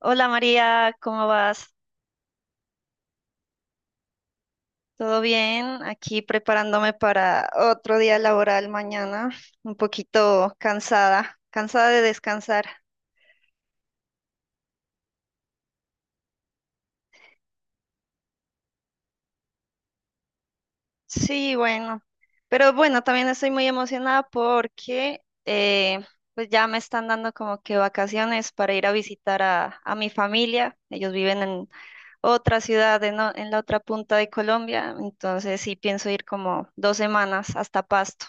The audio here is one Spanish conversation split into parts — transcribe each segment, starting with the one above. Hola María, ¿cómo vas? ¿Todo bien? Aquí preparándome para otro día laboral mañana, un poquito cansada, cansada de descansar. Sí, bueno, pero bueno, también estoy muy emocionada porque pues ya me están dando como que vacaciones para ir a visitar a mi familia. Ellos viven en otra ciudad, en la otra punta de Colombia, entonces sí pienso ir como 2 semanas hasta Pasto.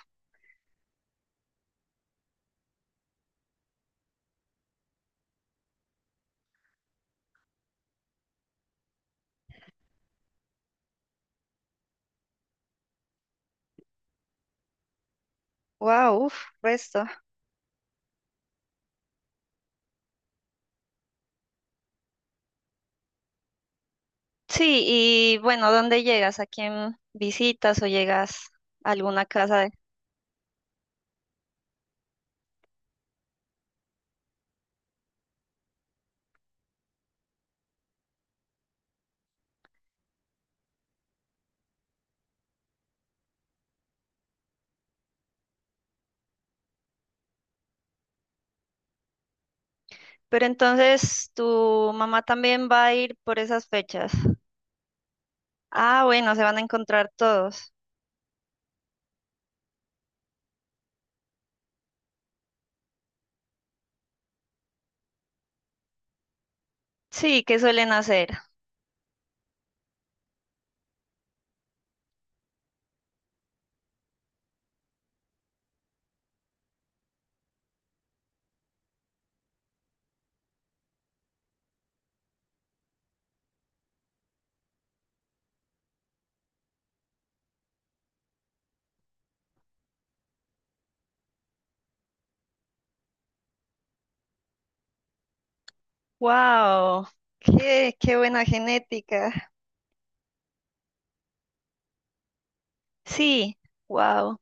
Wow, uf, resto. Sí, y bueno, ¿dónde llegas? ¿A quién visitas o llegas a alguna casa? Pero entonces tu mamá también va a ir por esas fechas. Ah, bueno, se van a encontrar todos. Sí, ¿qué suelen hacer? ¡Wow! ¡Qué buena genética! Sí, wow.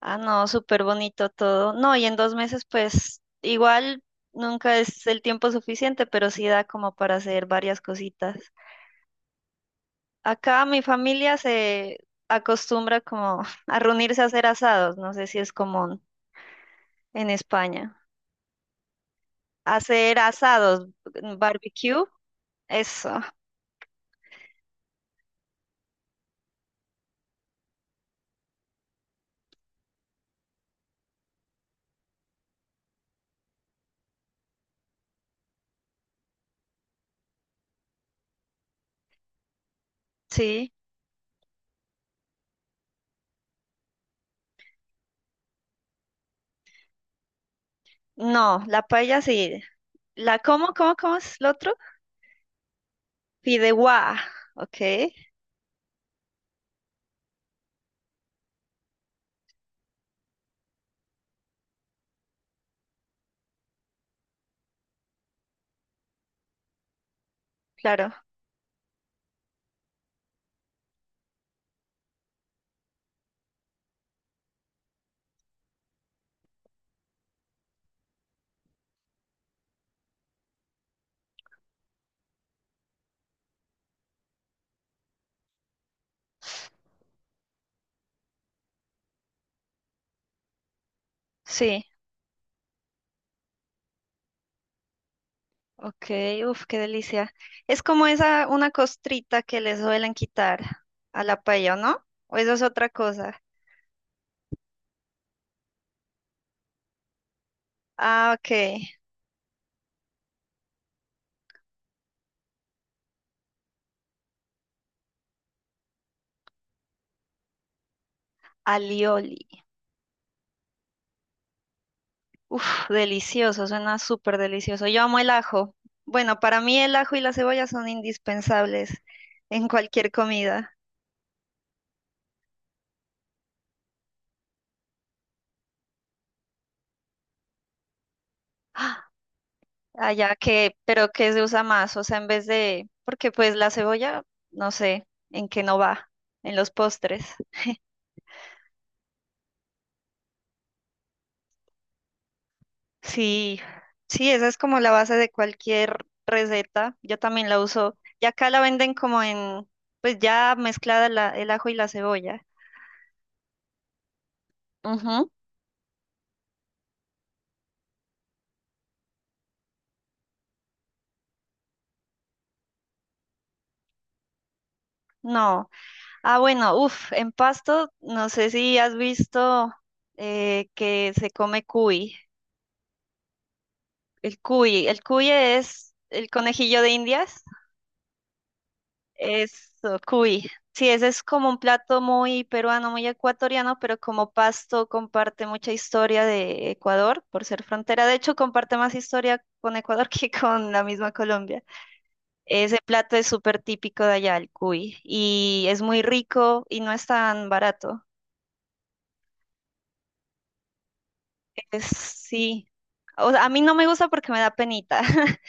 Ah, no, súper bonito todo. No, y en 2 meses, pues igual nunca es el tiempo suficiente, pero sí da como para hacer varias cositas. Acá mi familia se acostumbra como a reunirse a hacer asados, no sé si es común en España. Hacer asados, barbecue, eso, sí. No, la paella sí. ¿Cómo es lo otro? Fideuá, ok, claro, sí, ok, uf, qué delicia. Es como esa, una costrita que les suelen quitar a la paella, ¿no? ¿O eso es otra cosa? Ah, ok, alioli. Uf, delicioso, suena súper delicioso. Yo amo el ajo. Bueno, para mí el ajo y la cebolla son indispensables en cualquier comida. ¡Ah! Allá que, pero que se usa más, o sea, en vez de, porque pues la cebolla, no sé, en qué no va, en los postres. Sí, sí, esa es como la base de cualquier receta. Yo también la uso. Y acá la venden como en, pues ya mezclada el ajo y la cebolla. Ujú. No. Ah, bueno, uff, en Pasto, no sé si has visto que se come cuy. El cuy es el conejillo de Indias. Eso, cuy. Sí, ese es como un plato muy peruano, muy ecuatoriano, pero como Pasto comparte mucha historia de Ecuador por ser frontera. De hecho, comparte más historia con Ecuador que con la misma Colombia. Ese plato es súper típico de allá, el cuy, y es muy rico y no es tan barato. Pues sí. O sea, a mí no me gusta porque me da penita,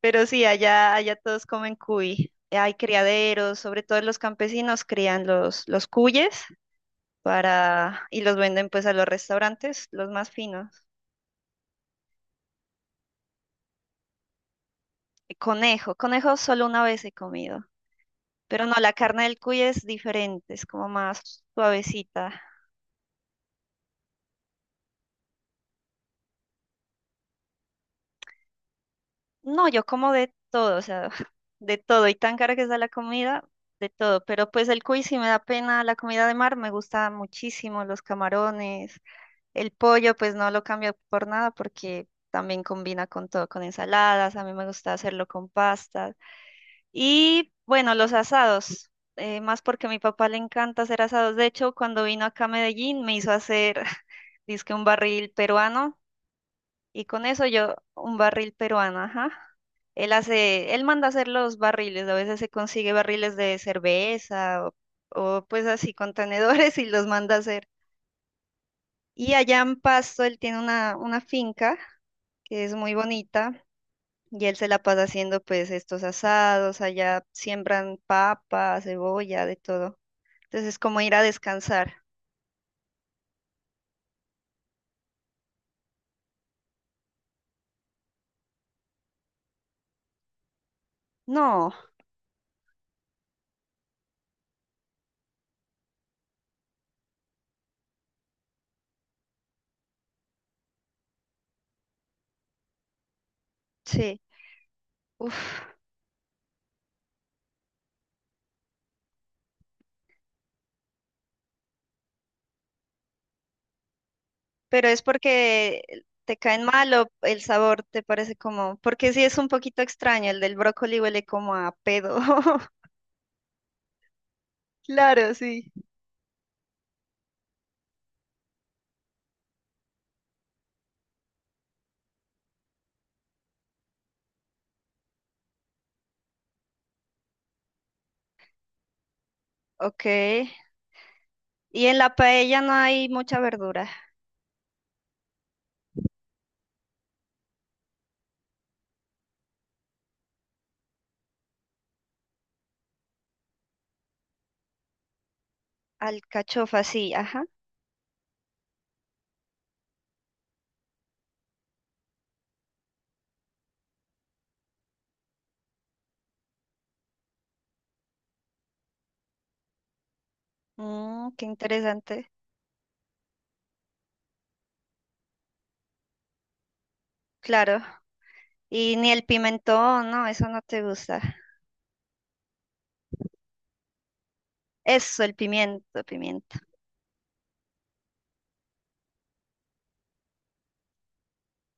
pero sí, allá todos comen cuy. Hay criaderos, sobre todo los campesinos crían los cuyes para, y los venden pues a los restaurantes, los más finos. Y conejo solo una vez he comido, pero no, la carne del cuy es diferente, es como más suavecita. No, yo como de todo, o sea, de todo, y tan cara que está la comida, de todo, pero pues el cuy sí me da pena, la comida de mar me gusta muchísimo, los camarones, el pollo pues no lo cambio por nada porque también combina con todo, con ensaladas, a mí me gusta hacerlo con pastas, y bueno, los asados, más porque a mi papá le encanta hacer asados, de hecho cuando vino acá a Medellín me hizo hacer, dizque un barril peruano y con eso yo, un barril peruano, ajá. Él manda hacer los barriles, a veces se consigue barriles de cerveza o, pues así contenedores y los manda hacer. Y allá en Pasto él tiene una finca que es muy bonita y él se la pasa haciendo pues estos asados, allá siembran papa, cebolla, de todo. Entonces es como ir a descansar. No, sí. Uf. Pero es porque te caen mal o el sabor te parece como, porque sí es un poquito extraño, el del brócoli huele como a pedo. Claro, sí. Ok. Y en la paella no hay mucha verdura. Alcachofa, sí, ajá. Qué interesante. Claro. Y ni el pimentón, no, eso no te gusta. Eso, el pimiento, pimiento.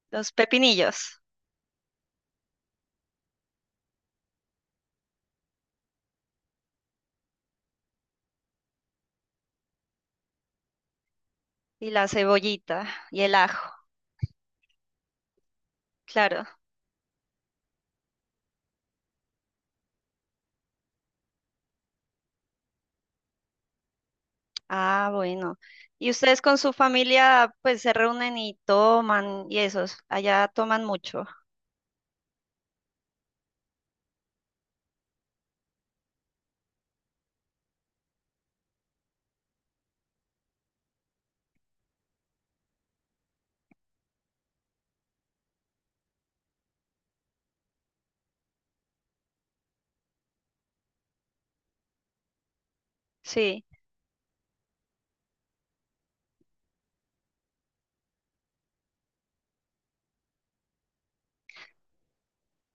Los pepinillos y la cebollita y el ajo, claro. Ah, bueno. ¿Y ustedes con su familia pues se reúnen y toman y esos? Allá toman mucho. Sí.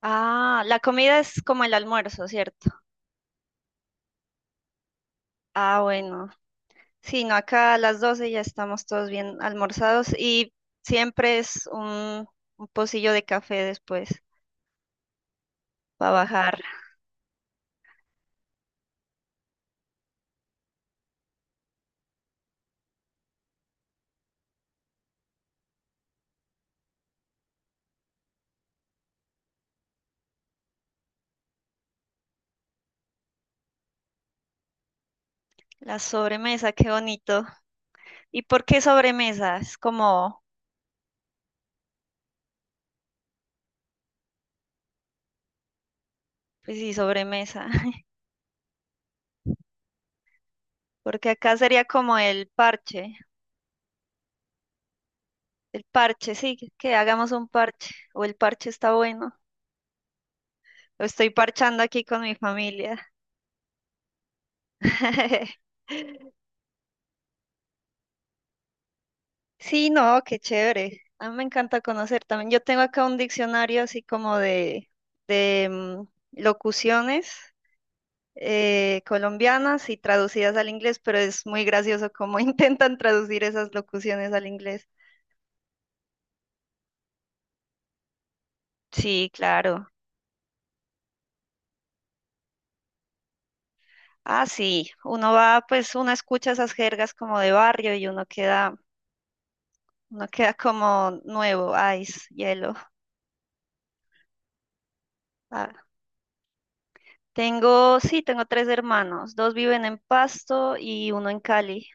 Ah, la comida es como el almuerzo, ¿cierto? Ah, bueno. Sí, no, acá a las 12 ya estamos todos bien almorzados y siempre es un pocillo de café después para bajar la sobremesa, qué bonito. ¿Y por qué sobremesa? Es como, pues sí, sobremesa. Porque acá sería como el parche. El parche, sí, que hagamos un parche. O el parche está bueno. Lo estoy parchando aquí con mi familia. Sí, no, qué chévere. A mí me encanta conocer también. Yo tengo acá un diccionario así como de locuciones colombianas y traducidas al inglés, pero es muy gracioso cómo intentan traducir esas locuciones al inglés. Sí, claro. Ah, sí. Uno va, pues uno escucha esas jergas como de barrio y uno queda como nuevo, ice, hielo. Ah, tengo, sí, tengo tres hermanos. Dos viven en Pasto y uno en Cali.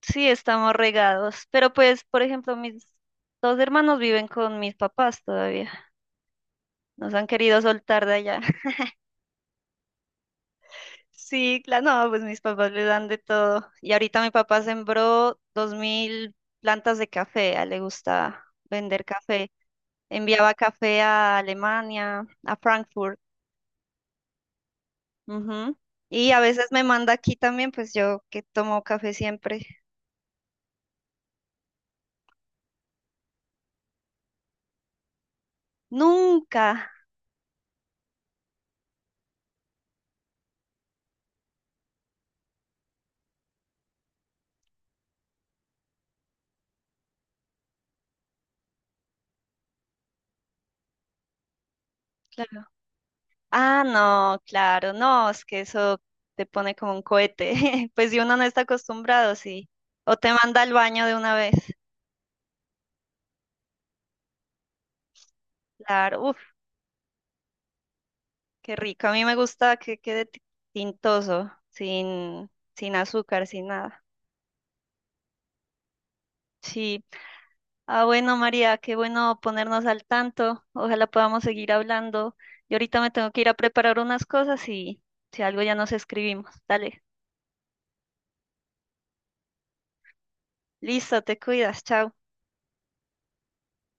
Sí, estamos regados. Pero pues, por ejemplo, mis dos hermanos viven con mis papás todavía. Nos han querido soltar de allá. Sí, claro, no, pues mis papás le dan de todo. Y ahorita mi papá sembró 2.000 plantas de café. A él le gusta vender café. Enviaba café a Alemania, a Frankfurt. Ujú. Y a veces me manda aquí también, pues yo que tomo café siempre. Nunca. Claro. Ah, no, claro, no, es que eso te pone como un cohete. Pues si uno no está acostumbrado, sí. O te manda al baño de una vez. Claro, uff, qué rico. A mí me gusta que quede tintoso, sin azúcar, sin nada. Sí. Ah, bueno, María, qué bueno ponernos al tanto. Ojalá podamos seguir hablando. Yo ahorita me tengo que ir a preparar unas cosas y si algo ya nos escribimos. Dale, listo, te cuidas, chao.